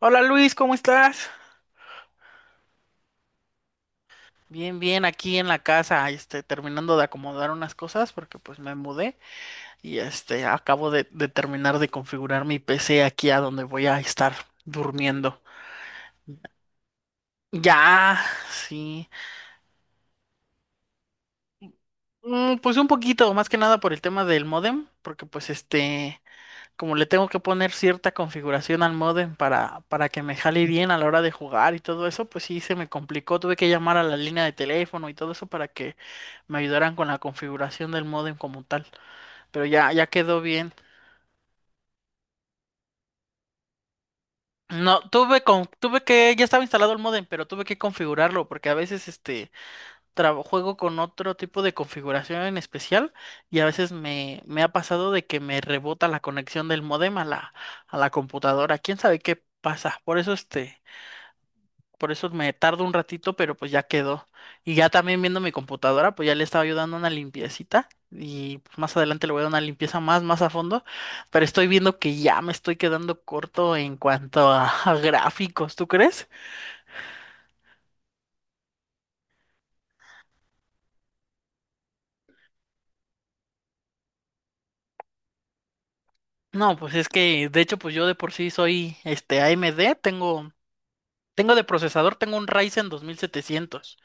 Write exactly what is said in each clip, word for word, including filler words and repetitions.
Hola Luis, ¿cómo estás? Bien, bien, aquí en la casa, este, terminando de acomodar unas cosas porque pues me mudé y este, acabo de, de terminar de configurar mi P C aquí a donde voy a estar durmiendo. Ya, sí. Mm, pues un poquito, más que nada por el tema del módem, porque pues este, como le tengo que poner cierta configuración al modem para, para que me jale bien a la hora de jugar y todo eso, pues sí se me complicó. Tuve que llamar a la línea de teléfono y todo eso para que me ayudaran con la configuración del modem como tal. Pero ya, ya quedó bien. No, tuve con, tuve que, ya estaba instalado el modem, pero tuve que configurarlo porque a veces este trabo- juego con otro tipo de configuración en especial y a veces me, me ha pasado de que me rebota la conexión del modem a la, a la computadora. ¿Quién sabe qué pasa? Por eso este Por eso me tardo un ratito, pero pues ya quedó. Y ya también viendo mi computadora, pues ya le estaba yo dando una limpiecita. Y pues, más adelante le voy a dar una limpieza más, más a fondo. Pero estoy viendo que ya me estoy quedando corto en cuanto a, a gráficos, ¿tú crees? No, pues es que de hecho, pues yo de por sí soy este A M D, tengo, tengo de procesador, tengo un Ryzen dos mil setecientos.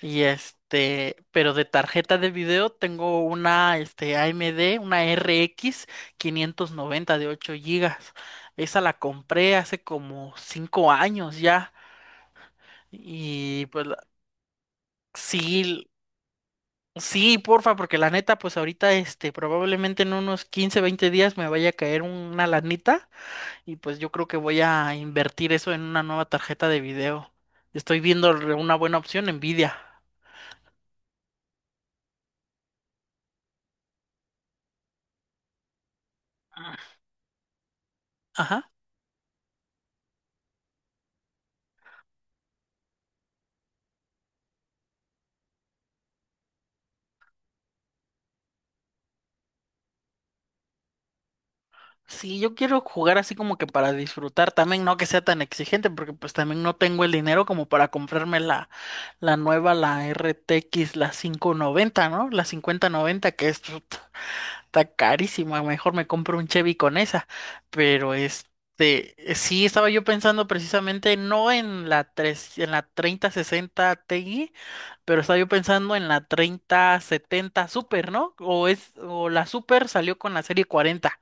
Y este, pero de tarjeta de video tengo una este, A M D, una R X noventa de ocho gigas. Esa la compré hace como cinco años ya. Y pues la- sí, sí, porfa, porque la neta, pues ahorita este, probablemente en unos quince veinte días me vaya a caer una lanita. Y pues yo creo que voy a invertir eso en una nueva tarjeta de video. Estoy viendo re- una buena opción, Nvidia. Ajá. Sí, yo quiero jugar así como que para disfrutar también, no que sea tan exigente, porque pues también no tengo el dinero como para comprarme la, la nueva, la R T X, la cinco noventa, ¿no? La cincuenta noventa, que es, puta, está carísima, mejor me compro un Chevy con esa. Pero este, sí, estaba yo pensando precisamente no en la tres, en la treinta sesenta Ti, pero estaba yo pensando en la treinta setenta Super, ¿no? O es, o la Super salió con la serie cuarenta.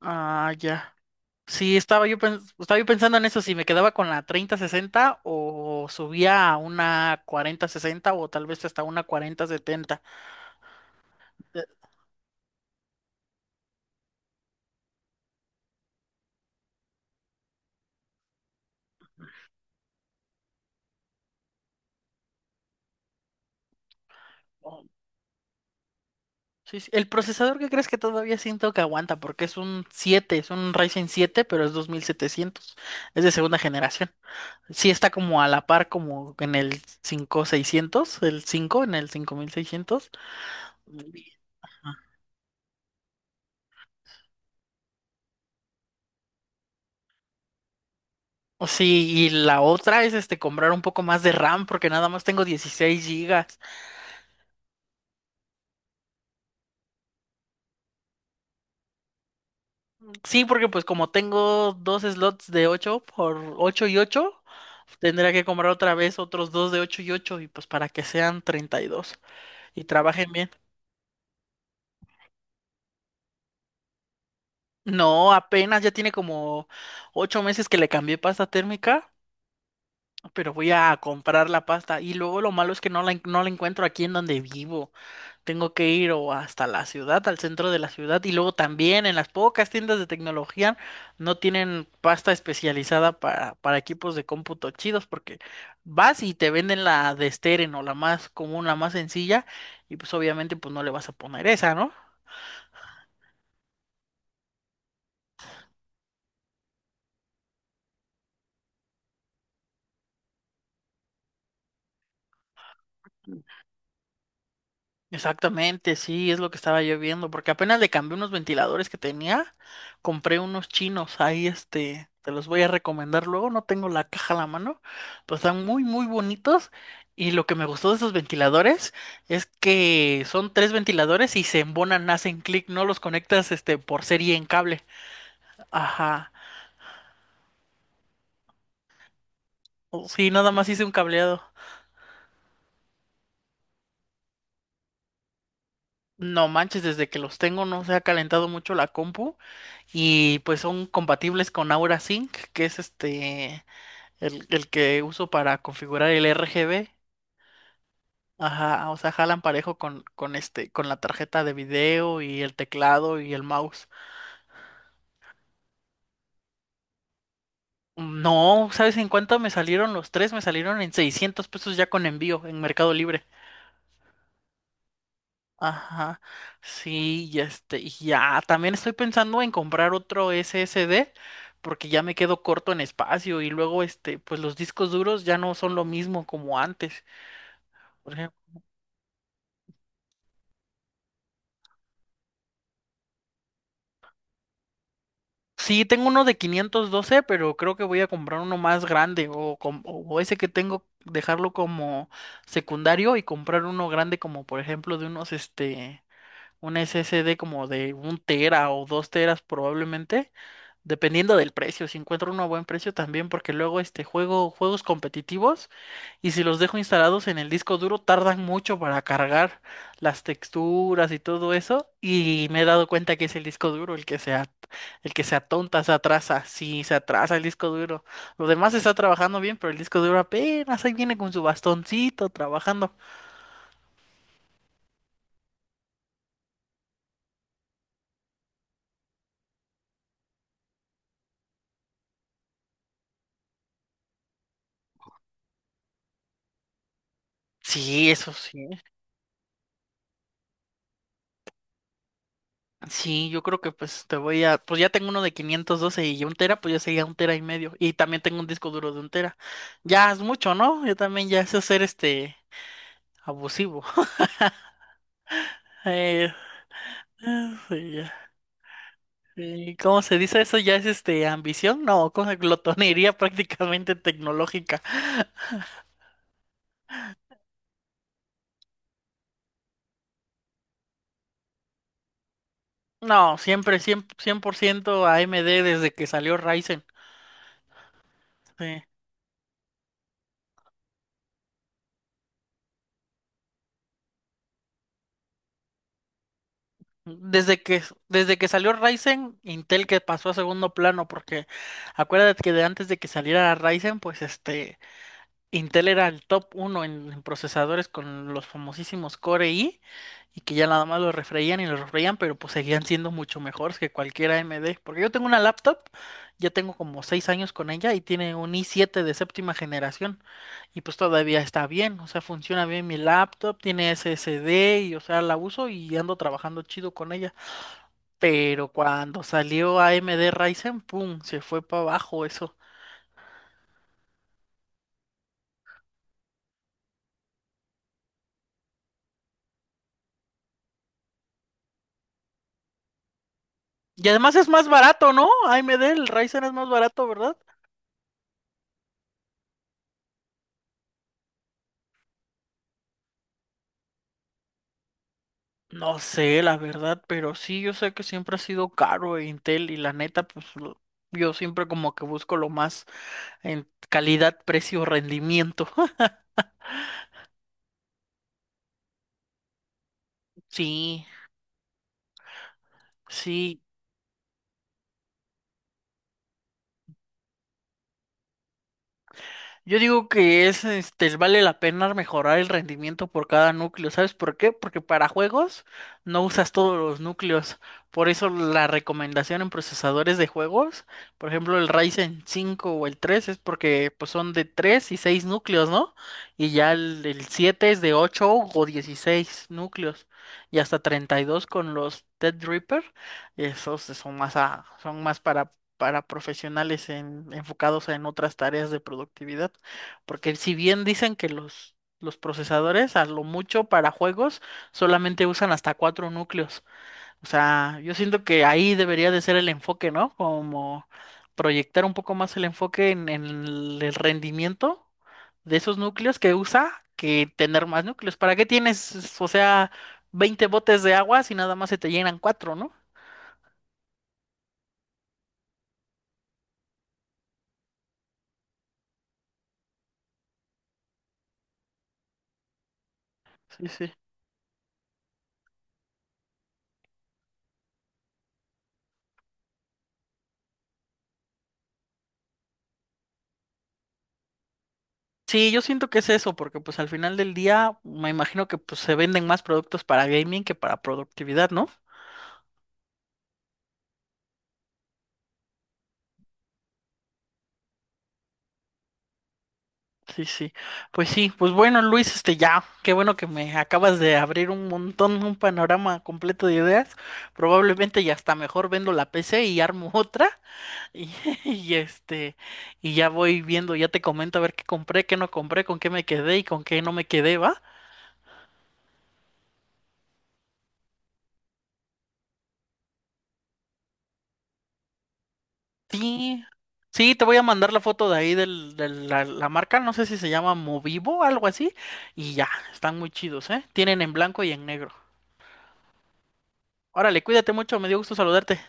Ah, ya. Sí, estaba yo, pens- estaba yo pensando en eso, si me quedaba con la treinta sesenta o subía a una cuarenta sesenta o tal vez hasta una cuarenta setenta. Eh, oh, sí, sí. El procesador que crees que todavía siento que aguanta porque es un siete, es un Ryzen siete, pero es dos mil setecientos, es de segunda generación. Sí está como a la par como en el cinco seiscientos, el cinco en el cinco mil seiscientos. Y- O sí, y la otra es este comprar un poco más de RAM porque nada más tengo dieciséis gigas. Sí, porque pues como tengo dos slots de ocho por ocho y ocho, tendría que comprar otra vez otros dos de ocho y ocho y pues para que sean treinta y dos y trabajen bien. No, apenas ya tiene como ocho meses que le cambié pasta térmica, pero voy a comprar la pasta y luego lo malo es que no la, en- no la encuentro aquí en donde vivo. Tengo que ir o hasta la ciudad, al centro de la ciudad, y luego también en las pocas tiendas de tecnología no tienen pasta especializada para, para equipos de cómputo chidos, porque vas y te venden la de Steren o la más común, la más sencilla, y pues obviamente pues no le vas a poner esa, ¿no? Exactamente, sí, es lo que estaba yo viendo, porque apenas le cambié unos ventiladores que tenía, compré unos chinos, ahí este, te los voy a recomendar luego, no tengo la caja a la mano, pero están muy, muy bonitos y lo que me gustó de esos ventiladores es que son tres ventiladores y se embonan, hacen clic, no los conectas este por serie en cable. Ajá, oh, sí, nada más hice un cableado. No manches, desde que los tengo no se ha calentado mucho la compu y pues son compatibles con Aura Sync, que es este el, el que uso para configurar el R G B. Ajá, o sea, jalan parejo con, con este, con la tarjeta de video y el teclado y el mouse. No, ¿sabes en cuánto me salieron los tres? Me salieron en seiscientos pesos ya con envío en Mercado Libre. Ajá, sí, y este, y ya, también estoy pensando en comprar otro S S D porque ya me quedo corto en espacio y luego, este, pues los discos duros ya no son lo mismo como antes. Por ejemplo, sí, tengo uno de quinientos doce, pero creo que voy a comprar uno más grande o, com- o ese que tengo, dejarlo como secundario y comprar uno grande como, por ejemplo, de unos, este, un S S D como de un tera o dos teras probablemente. Dependiendo del precio, si encuentro uno a buen precio también, porque luego este juego juegos competitivos y si los dejo instalados en el disco duro tardan mucho para cargar las texturas y todo eso y me he dado cuenta que es el disco duro el que se at- el que se atonta, se atrasa, sí, se atrasa el disco duro. Lo demás está trabajando bien, pero el disco duro apenas ahí viene con su bastoncito trabajando. Sí, eso sí. Sí, yo creo que pues te voy a, pues ya tengo uno de quinientos doce y un tera, pues ya sería un tera y medio. Y también tengo un disco duro de un tera. Ya es mucho, ¿no? Yo también ya sé ser este abusivo. Eh, eh, sí, ya. Eh, ¿cómo se dice eso? ¿Ya es este ambición? No, cosa glotonería prácticamente tecnológica. No, siempre, cien por ciento, cien por ciento A M D desde que salió Ryzen. Sí. Desde que, Desde que salió Ryzen, Intel que pasó a segundo plano, porque acuérdate que de antes de que saliera Ryzen, pues este, Intel era el top uno en, en procesadores con los famosísimos Core i, y que ya nada más lo refreían y lo refreían, pero pues seguían siendo mucho mejores que cualquier A M D. Porque yo tengo una laptop, ya tengo como seis años con ella y tiene un i siete de séptima generación, y pues todavía está bien, o sea, funciona bien mi laptop, tiene S S D, y o sea, la uso y ando trabajando chido con ella. Pero cuando salió A M D Ryzen, ¡pum! Se fue para abajo eso. Y además es más barato, ¿no? A M D, el Ryzen es más barato, ¿verdad? No sé, la verdad, pero sí, yo sé que siempre ha sido caro Intel y la neta, pues lo- yo siempre como que busco lo más en calidad, precio, rendimiento. Sí, sí. Yo digo que es, este, vale la pena mejorar el rendimiento por cada núcleo. ¿Sabes por qué? Porque para juegos no usas todos los núcleos. Por eso la recomendación en procesadores de juegos, por ejemplo, el Ryzen cinco o el tres, es porque pues, son de tres y seis núcleos, ¿no? Y ya el, el siete es de ocho o dieciséis núcleos. Y hasta treinta y dos con los Threadripper. Esos son más, a- son más para para profesionales en- enfocados en otras tareas de productividad. Porque si bien dicen que los, los procesadores, a lo mucho para juegos, solamente usan hasta cuatro núcleos. O sea, yo siento que ahí debería de ser el enfoque, ¿no? Como proyectar un poco más el enfoque en, en el el rendimiento de esos núcleos que usa que tener más núcleos. ¿Para qué tienes, o sea, veinte botes de agua si nada más se te llenan cuatro, ¿no? Sí, sí. Sí, yo siento que es eso, porque pues al final del día me imagino que pues se venden más productos para gaming que para productividad, ¿no? Sí, sí. Pues sí, pues bueno, Luis, este ya, qué bueno que me acabas de abrir un montón, un panorama completo de ideas. Probablemente ya hasta mejor vendo la P C y armo otra y, y este y ya voy viendo, ya te comento a ver qué compré, qué no compré, con qué me quedé y con qué no me quedé, ¿va? Sí, sí, te voy a mandar la foto de ahí del- de la, la marca, no sé si se llama Movivo, algo así, y ya, están muy chidos, ¿eh? Tienen en blanco y en negro. Órale, cuídate mucho, me dio gusto saludarte.